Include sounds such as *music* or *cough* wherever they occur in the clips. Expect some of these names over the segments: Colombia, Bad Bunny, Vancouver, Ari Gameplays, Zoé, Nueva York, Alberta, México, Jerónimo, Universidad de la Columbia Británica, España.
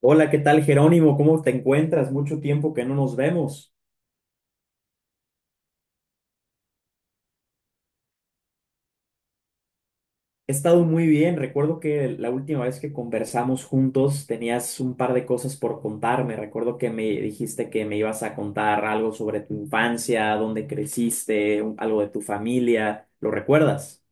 Hola, ¿qué tal, Jerónimo? ¿Cómo te encuentras? Mucho tiempo que no nos vemos. He estado muy bien. Recuerdo que la última vez que conversamos juntos tenías un par de cosas por contarme. Recuerdo que me dijiste que me ibas a contar algo sobre tu infancia, dónde creciste, algo de tu familia. ¿Lo recuerdas?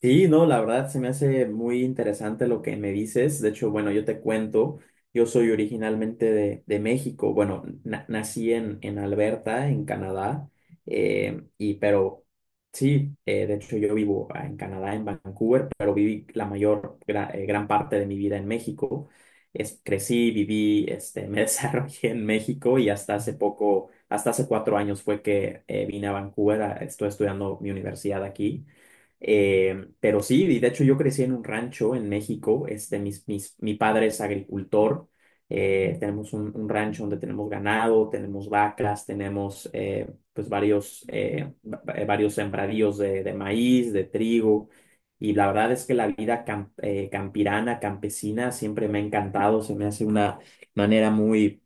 Sí, no, la verdad se me hace muy interesante lo que me dices. De hecho, bueno, yo te cuento, yo soy originalmente de México. Bueno, nací en Alberta, en Canadá, y pero sí, de hecho yo vivo en Canadá, en Vancouver, pero viví gran parte de mi vida en México. Crecí, viví, este, me *laughs* desarrollé en México y hasta hace 4 años fue que vine a Vancouver, estoy estudiando mi universidad aquí. Pero sí, y de hecho yo crecí en un rancho en México, este, mi padre es agricultor. Tenemos un rancho donde tenemos ganado, tenemos vacas, tenemos pues varios sembradíos de maíz, de trigo, y la verdad es que la vida campirana, campesina, siempre me ha encantado. Se me hace una manera muy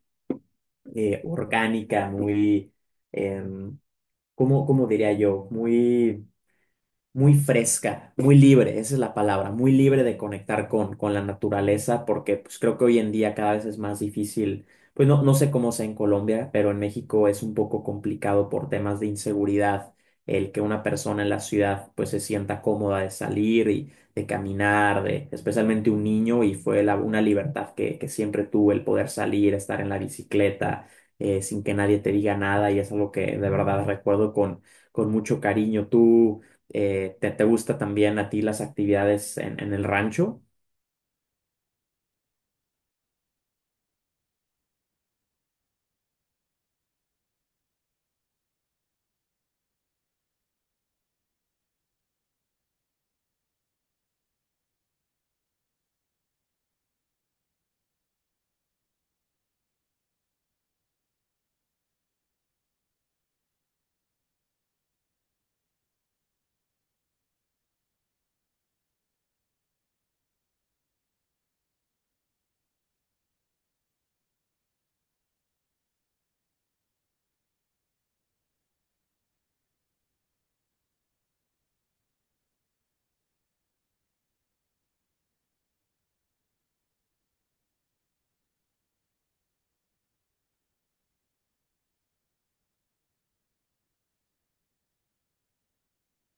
orgánica, muy, em, ¿Cómo diría yo? Muy muy fresca, muy libre, esa es la palabra, muy libre de conectar con la naturaleza, porque pues creo que hoy en día cada vez es más difícil, pues no sé cómo sea en Colombia, pero en México es un poco complicado por temas de inseguridad el que una persona en la ciudad pues se sienta cómoda de salir y de caminar, de, especialmente un niño. Y fue una libertad que siempre tuve el poder salir, estar en la bicicleta, sin que nadie te diga nada, y es algo que de verdad recuerdo con mucho cariño. ¿Te gusta también a ti las actividades en el rancho?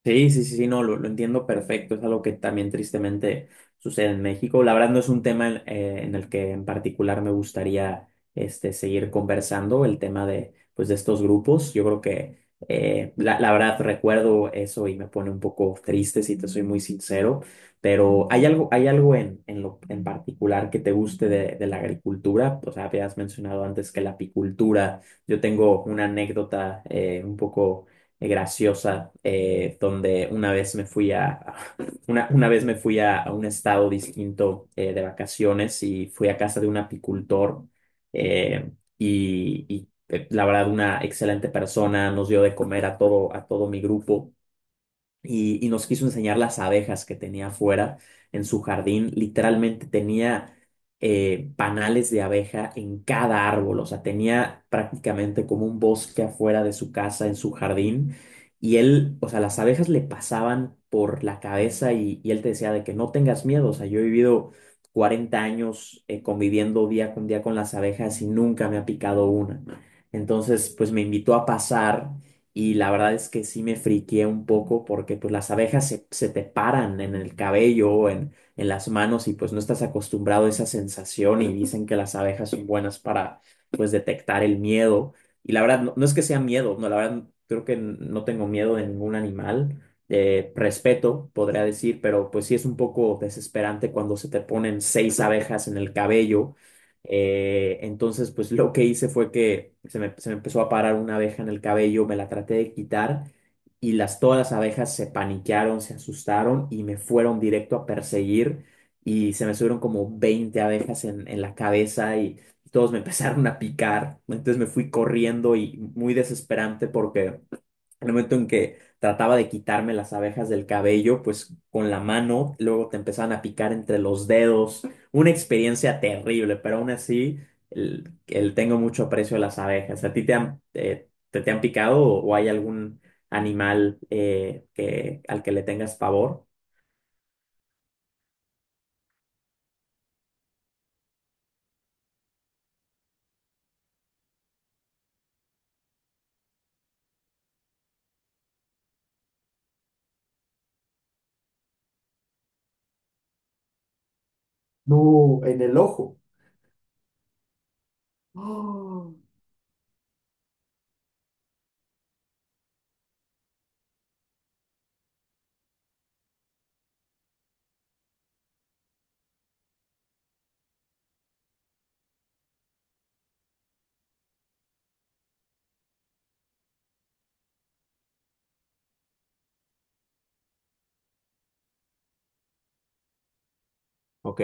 Sí, sí, sí, sí, no, lo entiendo perfecto. Es algo que también tristemente sucede en México. La verdad no es un tema en el que en particular me gustaría este, seguir conversando, el tema pues de estos grupos. Yo creo que la verdad recuerdo eso y me pone un poco triste, si te soy muy sincero, pero ¿hay algo en particular que te guste de la agricultura? O sea, habías mencionado antes que la apicultura. Yo tengo una anécdota un poco graciosa, donde una vez me fui *laughs* una vez me fui a un estado distinto de vacaciones y fui a casa de un apicultor. eh, y, la verdad una excelente persona, nos dio de comer a todo mi grupo y nos quiso enseñar las abejas que tenía afuera en su jardín. Literalmente tenía panales de abeja en cada árbol, o sea, tenía prácticamente como un bosque afuera de su casa, en su jardín. Y él, o sea, las abejas le pasaban por la cabeza y él te decía de que no tengas miedo. O sea, yo he vivido 40 años conviviendo día con las abejas y nunca me ha picado una. Entonces, pues me invitó a pasar, y la verdad es que sí me friqué un poco porque pues las abejas se te paran en el cabello, o en las manos, y pues no estás acostumbrado a esa sensación, y *laughs* dicen que las abejas son buenas para pues detectar el miedo. Y la verdad no es que sea miedo, no, la verdad creo que no tengo miedo de ningún animal. Respeto podría decir, pero pues sí es un poco desesperante cuando se te ponen seis abejas en el cabello. Entonces, pues lo que hice fue que se me empezó a parar una abeja en el cabello, me la traté de quitar y todas las abejas se paniquearon, se asustaron y me fueron directo a perseguir, y se me subieron como 20 abejas en la cabeza y todos me *laughs* empezaron a picar. Entonces me fui corriendo, y muy desesperante porque el momento en que trataba de quitarme las abejas del cabello, pues con la mano, luego te empezaban a picar entre los dedos. Una experiencia terrible, pero aún así el tengo mucho aprecio a las abejas. ¿A ti te han picado, o hay algún animal al que le tengas pavor? No, en el ojo. Ok.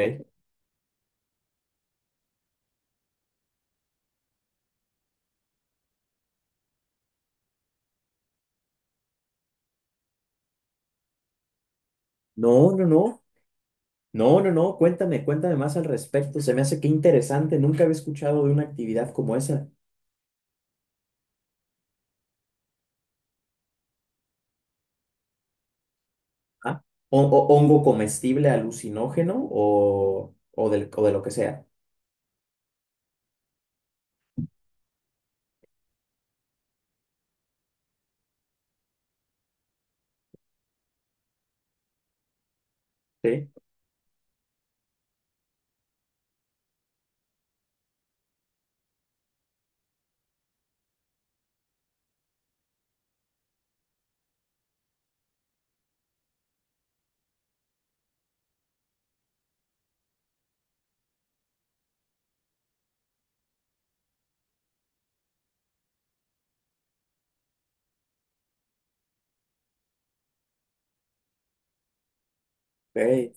No, no, no. No, no, no. Cuéntame más al respecto. Se me hace que interesante. Nunca había escuchado de una actividad como esa. Ah, o hongo comestible alucinógeno, o de lo que sea. Sí. Ok.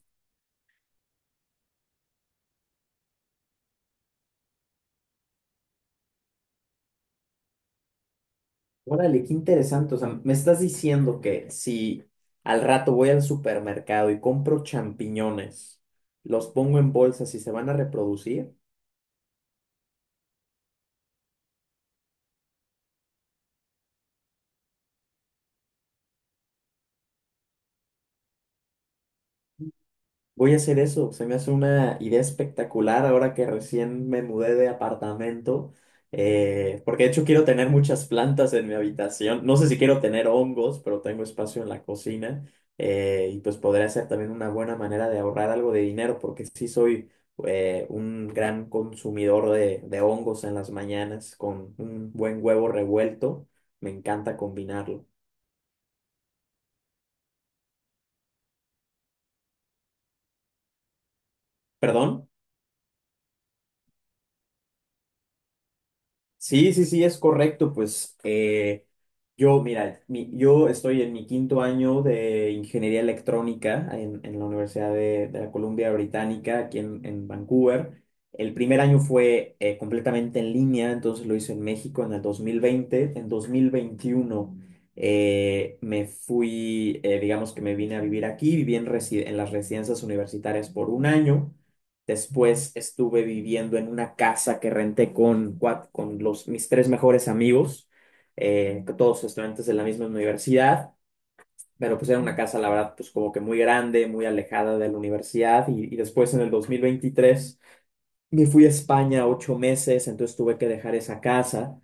Órale, qué interesante. O sea, me estás diciendo que si al rato voy al supermercado y compro champiñones, los pongo en bolsas y se van a reproducir. Voy a hacer eso, se me hace una idea espectacular ahora que recién me mudé de apartamento, porque de hecho quiero tener muchas plantas en mi habitación, no sé si quiero tener hongos, pero tengo espacio en la cocina y pues podría ser también una buena manera de ahorrar algo de dinero, porque sí soy un gran consumidor de hongos en las mañanas con un buen huevo revuelto, me encanta combinarlo. ¿Perdón? Sí, sí, sí, es correcto. Pues, mira, yo estoy en mi quinto año de ingeniería electrónica en la Universidad de la Columbia Británica, aquí en Vancouver. El primer año fue completamente en línea, entonces lo hice en México en el 2020. En 2021 digamos que me vine a vivir aquí, viví en las residencias universitarias por un año. Después estuve viviendo en una casa que renté con mis tres mejores amigos, que todos estudiantes de la misma universidad, pero pues era una casa, la verdad, pues como que muy grande, muy alejada de la universidad, y después en el 2023 me fui a España 8 meses, entonces tuve que dejar esa casa.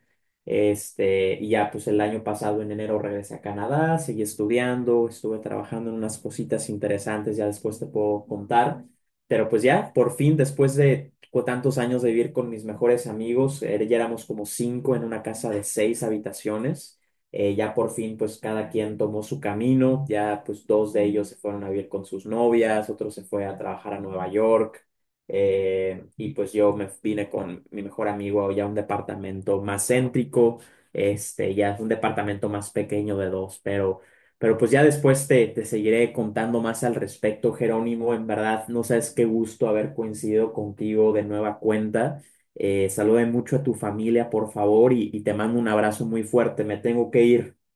Este, y ya pues el año pasado en enero regresé a Canadá, seguí estudiando, estuve trabajando en unas cositas interesantes, ya después te puedo contar. Pero pues ya, por fin, después de tantos años de vivir con mis mejores amigos, ya éramos como cinco en una casa de seis habitaciones. Ya por fin, pues cada quien tomó su camino, ya pues dos de ellos se fueron a vivir con sus novias, otro se fue a trabajar a Nueva York, y pues yo me vine con mi mejor amigo ya a un departamento más céntrico. Este, ya es un departamento más pequeño de dos, pero, pues ya después te seguiré contando más al respecto, Jerónimo. En verdad, no sabes qué gusto haber coincidido contigo de nueva cuenta. Salude mucho a tu familia, por favor, y te mando un abrazo muy fuerte, me tengo que ir.